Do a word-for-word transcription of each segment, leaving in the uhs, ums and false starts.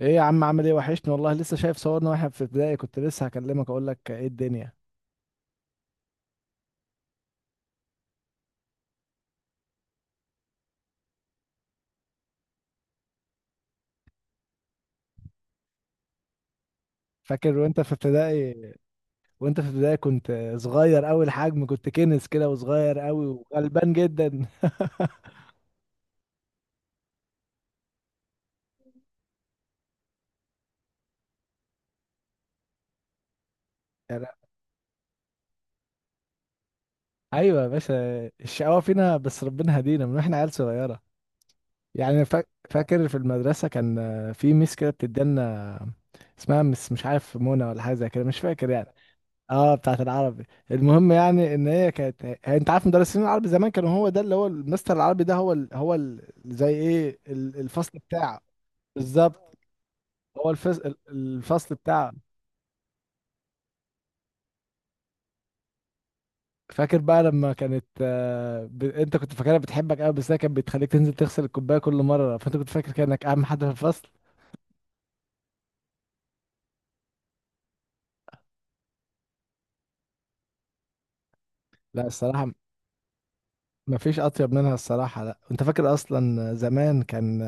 ايه يا عم، عامل ايه؟ وحشني والله. لسه شايف صورنا واحنا في ابتدائي، كنت لسه هكلمك اقول لك ايه الدنيا. فاكر وانت في ابتدائي؟ وانت في ابتدائي كنت صغير قوي الحجم، كنت كنس كده وصغير قوي وغلبان جدا. يعني ايوه يا باشا. الشقاوة فينا، بس ربنا هدينا من واحنا عيال صغيرة. يعني فا- فاكر في المدرسة كان في ميس كده بتدينا، اسمها مس مش عارف منى ولا حاجة زي كده، مش فاكر يعني. اه، بتاعت العربي. المهم يعني ان هي كانت هي- انت عارف مدرسين العربي زمان كانوا هو ده اللي هو المستر العربي ده هو ال... هو ال... زي ايه ال- الفصل بتاعه. بالظبط. هو الفص... ال- الفصل بتاعه. فاكر بقى لما كانت آه، ب... انت كنت فاكرها بتحبك قوي، بس هي كانت بتخليك تنزل تغسل الكوبايه كل مره، فانت كنت فاكر كانك اهم حد في الفصل. لا الصراحه، ما فيش اطيب منها الصراحه. لا انت فاكر اصلا زمان كان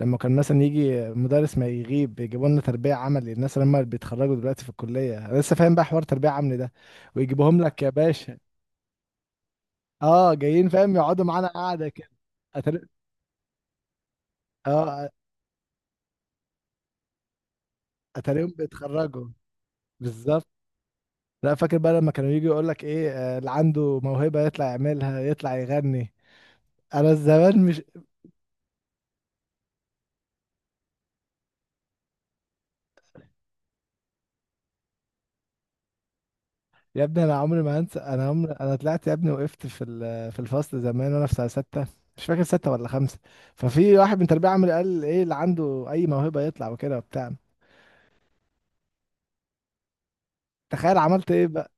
لما كان مثلا يجي مدرس ما يغيب، يجيبوا لنا تربية عملي؟ الناس لما بيتخرجوا دلوقتي في الكلية، أنا لسه فاهم بقى حوار تربية عملي ده. ويجيبوهم لك يا باشا. اه جايين فاهم، يقعدوا معانا قاعدة كده. أتاري... اه، اتاريهم بيتخرجوا. بالظبط. لا فاكر بقى لما كانوا يجي يقول لك ايه آه، اللي عنده موهبة يطلع يعملها، يطلع يغني. انا زمان، يا ابني انا عمري ما هنسى، انا عمري انا طلعت يا ابني، وقفت في ال- في الفصل زمان وانا في سنه سته، مش فاكر سته ولا خمسه. ففي واحد من تربيه عامل قال ايه، اللي عنده اي موهبه يطلع وكده وبتاع. تخيل عملت ايه بقى؟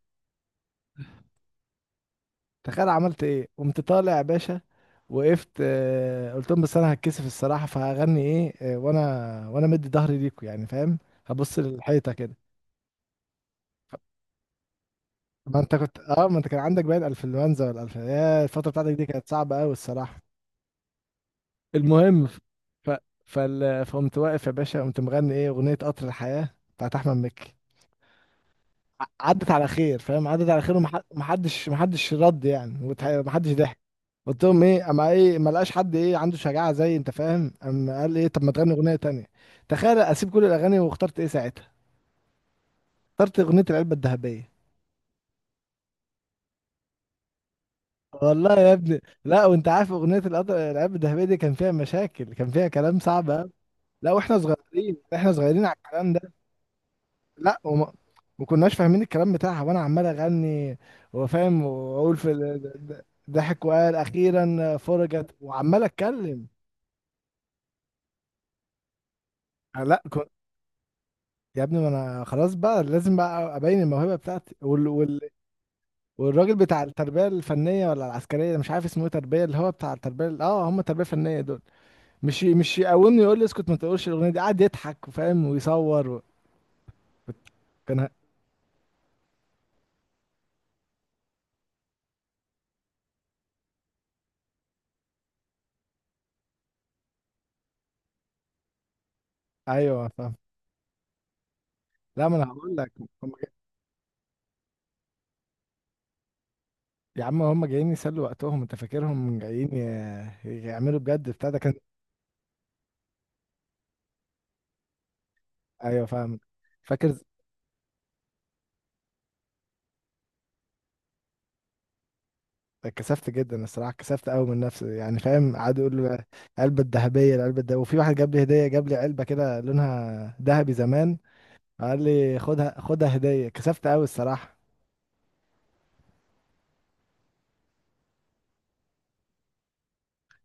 تخيل عملت ايه، قمت طالع يا باشا. وقفت، آه، قلت لهم بس انا هتكسف الصراحه، فهغني ايه، آه، وانا وانا مدي ظهري ليكوا يعني فاهم، هبص للحيطه كده. ما انت كنت اه، ما انت كان عندك باين انفلونزا ولا الف يا، الفتره بتاعتك دي كانت صعبه قوي الصراحه. المهم ف... فال... فقمت واقف يا باشا، قمت مغني ايه؟ اغنيه قطر الحياه بتاعت احمد مكي. ع- عدت على خير فاهم، عدت على خير، ومح- ومحدش محدش رد يعني، وتح- ومحدش ضحك. قلت لهم ايه، اما ايه ما لقاش حد ايه عنده شجاعه زي انت فاهم، اما قال ايه طب ما تغني اغنيه تانية. تخيل اسيب كل الاغاني واخترت ايه ساعتها؟ اخترت اغنيه العلبه الذهبيه. والله يا ابني، لا وانت عارف اغنيه القطر- العلبه الذهبيه دي كان فيها مشاكل، كان فيها كلام صعب أوي. لا واحنا صغيرين، احنا صغيرين على الكلام ده. لا وما ما كناش فاهمين الكلام بتاعها، وانا عمال اغني وفاهم واقول في ال- ضحك وقال اخيرا فرجت، وعمال اتكلم. أنا لا كنت يا ابني، ما انا خلاص بقى لازم بقى ابين الموهبه بتاعتي وال... وال... والراجل بتاع التربيه الفنيه ولا العسكريه، مش عارف اسمه ايه، تربيه اللي هو بتاع التربيه ال- اه هم التربيه الفنيه دول. مش مش يقومني يقول لي اسكت ما تقولش الاغنيه دي، قعد يضحك وفاهم ويصور و... كان ايوه فاهم. لا ما انا هقول لك، يا عم هم جايين يسلوا وقتهم، انت فاكرهم جايين ي- يعملوا بجد؟ بتاع ده كان. ايوه فاهم. فاكر، اتكسفت جدا الصراحه، اتكسفت قوي من نفسي يعني فاهم، قعدوا يقولوا لي العلبه الذهبيه العلبه الذهبيه، وفي واحد جاب لي هديه، جاب لي علبه كده لونها ذهبي زمان، قال لي خدها خدها هديه. اتكسفت قوي الصراحه.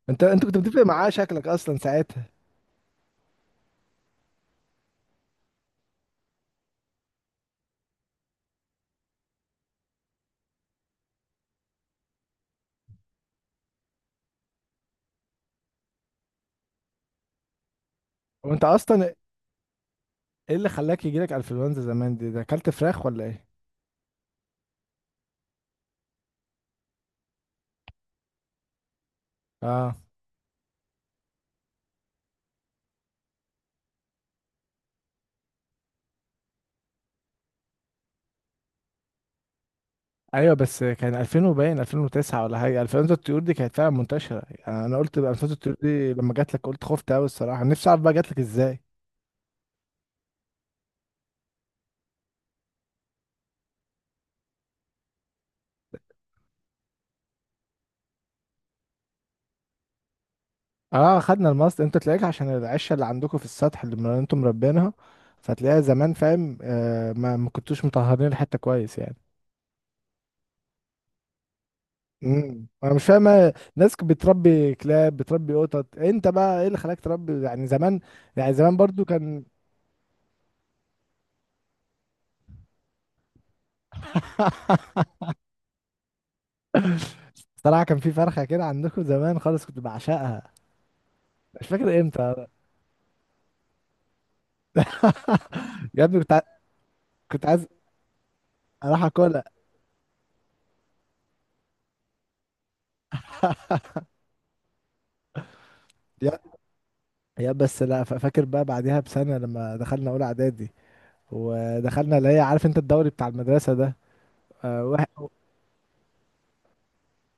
انت انت كنت بتفرق معاه شكلك اصلا ساعتها. وانت اصلا ايه اللي خلاك يجيلك انفلونزا زمان دي؟ ده اكلت فراخ ولا ايه؟ اه ايوه، بس كان ألفين وباين ألفين وتسعة ولا حاجه، ألفين الطيور دي كانت فعلا منتشره يعني، انا قلت بقى ألفين الطيور دي لما جات لك، قلت خفت قوي الصراحه، نفسي اعرف بقى جات لك ازاي. اه خدنا المصل، انت تلاقيك عشان العشه اللي عندكم في السطح اللي من- انتم مربينها، فتلاقيها زمان فاهم، آه ما ما كنتوش مطهرين الحته كويس يعني. امم انا مش فاهم، آه، ناس بتربي كلاب، بتربي قطط، انت بقى ايه اللي خلاك تربي يعني زمان؟ يعني زمان برضو كان. صراحه كان في فرخه كده عندكم زمان خالص كنت بعشقها، مش فاكر امتى. يا ابني كنت ع- كنت عايز اروح اكلها. يا يا بس لا ف- فاكر بقى بعديها بسنه لما دخلنا اولى اعدادي، ودخلنا اللي هي عارف انت الدوري بتاع المدرسه ده. اه واحد-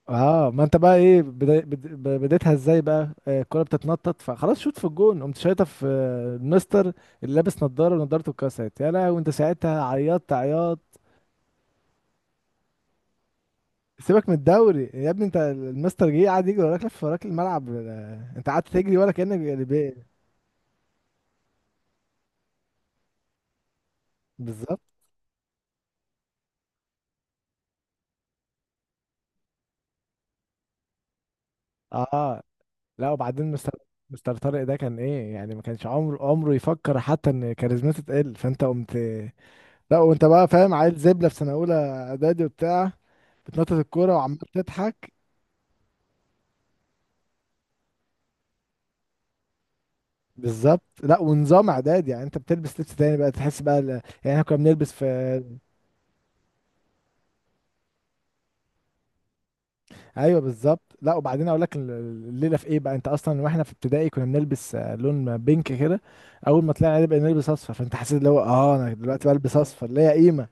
آه، ما انت بقى ايه بدا- بد- ب- بديتها ازاي بقى، آه، الكوره بتتنطط فخلاص شوت في الجون، قمت شايطه في آه، المستر اللي لابس نضاره، ونضارته اتكسرت يا لهوي، وانت ساعتها عيطت عياط. سيبك من الدوري يا ابني، انت المستر جه قعد يجري وراك، لف وراك الملعب، آه، انت قعدت تجري ولا كانك، بي- بالظبط. اه لا وبعدين مستر مستر طارق ده كان ايه يعني؟ ما كانش عمره عمره يفكر حتى ان كاريزمته تقل، فانت قمت. لا وانت بقى فاهم عيل زبله في سنه اولى اعدادي وبتاع، بتنطط الكوره وعمال تضحك. بالظبط. لا ونظام اعدادي يعني، انت بتلبس لبس تاني بقى، تحس بقى ال... يعني احنا كنا بنلبس في، ايوه بالظبط. لا وبعدين اقول لك ال- الليله في ايه بقى، انت اصلا واحنا في ابتدائي كنا بنلبس آه، لون بينك كده، اول ما طلعنا بقى نلبس اصفر فانت حسيت اللي هو اه انا دلوقتي بلبس اصفر ليا قيمه.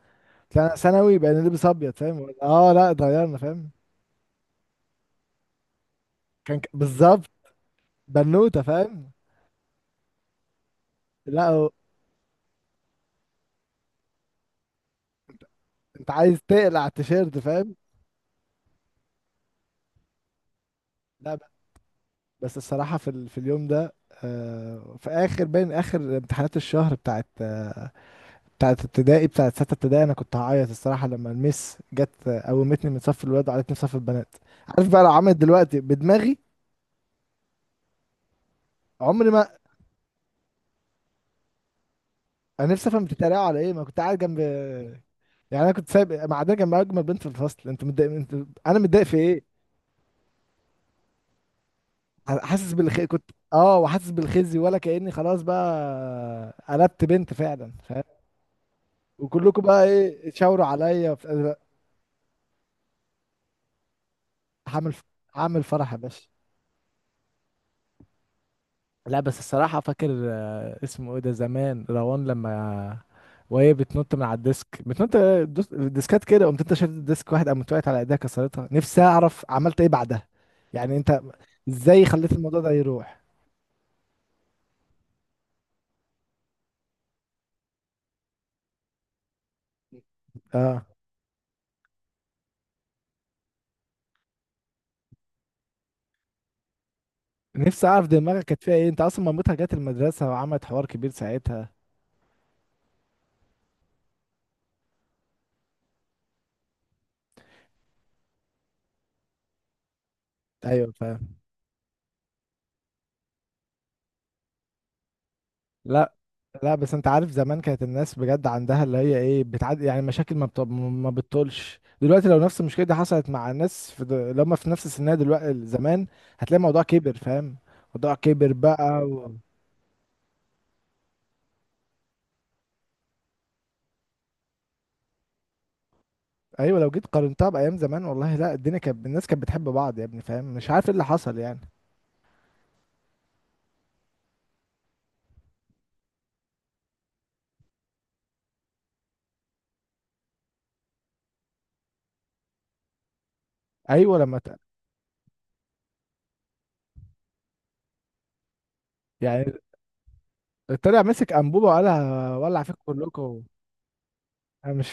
لا، ثانوي بقى نلبس ابيض فاهم، اه لا اتغيرنا فاهم. كان ك- بالظبط. بنوته فاهم. لا هو- انت عايز تقلع التيشيرت فاهم. لا ب- بس الصراحه في ال... في اليوم ده، آه في اخر باين اخر امتحانات الشهر بتاعت آه بتاعت ابتدائي، بتاعت سته ابتدائي، انا كنت هعيط الصراحه لما المس جت آه، قومتني من صف الولاد وقعدتني في صف البنات. عارف بقى لو عملت دلوقتي بدماغي؟ عمري ما. انا نفسي افهم بتتريقوا على ايه، ما كنت قاعد جنب يعني، انا كنت سايب معديه جنب اجمل بنت في الفصل. انت متضايق؟ انت، انا متضايق في ايه؟ حاسس بالخي كنت، اه وحاسس بالخزي، ولا كاني خلاص بقى قلبت بنت فعلا فاهم. وكلكم بقى ايه تشاوروا عليا في- هعمل، هعمل فرح يا باشا. لا بس الصراحة فاكر آه، اسمه ايه ده زمان، روان لما، وهي بتنط من على الديسك بتنط، دوس- الديسكات كده، قمت انت شلت الديسك واحد، قامت وقعت على ايديها كسرتها. نفسي اعرف عملت ايه بعدها يعني، انت ازاي خليت الموضوع ده يروح؟ اه، نفسي اعرف دماغك كانت فيها ايه، انت اصلا مامتها جت المدرسة وعملت حوار كبير ساعتها. ايوه فاهم. لا لا بس انت عارف زمان كانت الناس بجد عندها اللي هي ايه، بتعد يعني مشاكل ما بت... ما بتطولش دلوقتي، لو نفس المشكله دي حصلت مع الناس في د... اللي هم في نفس سنها دلوقتي زمان، هتلاقي الموضوع كبر فاهم. الموضوع كبر بقى و... ايوه، لو جيت قارنتها بايام زمان، والله لا الدنيا كانت الناس كانت بتحب بعض يا ابني فاهم، مش عارف ايه اللي حصل يعني. ايوه لما ت... يعني طلع مسك انبوبه وقالها ولع فيك كلكم. انا مش.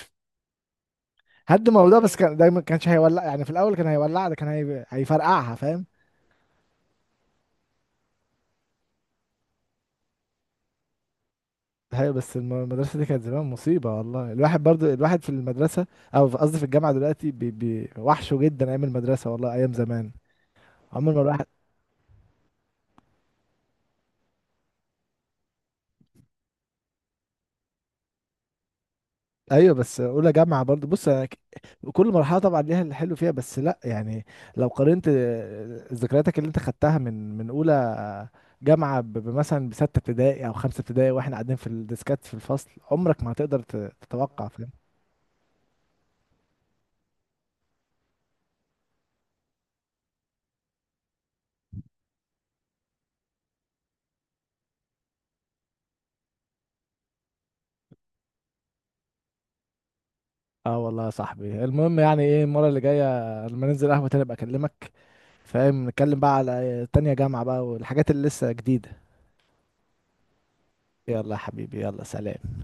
هد الموضوع بس، كان دايما كانش هيولع يعني، في الاول كان هيولع ده كان هي... هيفرقعها فاهم. هي بس الم- المدرسة دي كانت زمان مصيبة والله، الواحد برضو الواحد في المدرسة أو في- قصدي في الجامعة دلوقتي، بي بي وحشه جدا أيام المدرسة، والله أيام زمان عمر ما الواحد. أيوة بس أولى جامعة برضو بص، أنا ك- كل مرحلة طبعا ليها اللي حلو فيها، بس لأ يعني لو قارنت آه، ذكرياتك اللي أنت خدتها من من أولى جامعة ب- بمثلا بستة ابتدائي أو خمسة ابتدائي وإحنا قاعدين في الديسكات في الفصل، عمرك ما هتقدر ت- تتوقع فاهم. اه والله يا صاحبي، المهم يعني ايه، المرة اللي جاية لما ننزل قهوة تاني ابقى اكلمك فاهم، نتكلم بقى على تانية جامعة بقى والحاجات اللي لسه جديدة. يلا يا حبيبي، يلا سلام.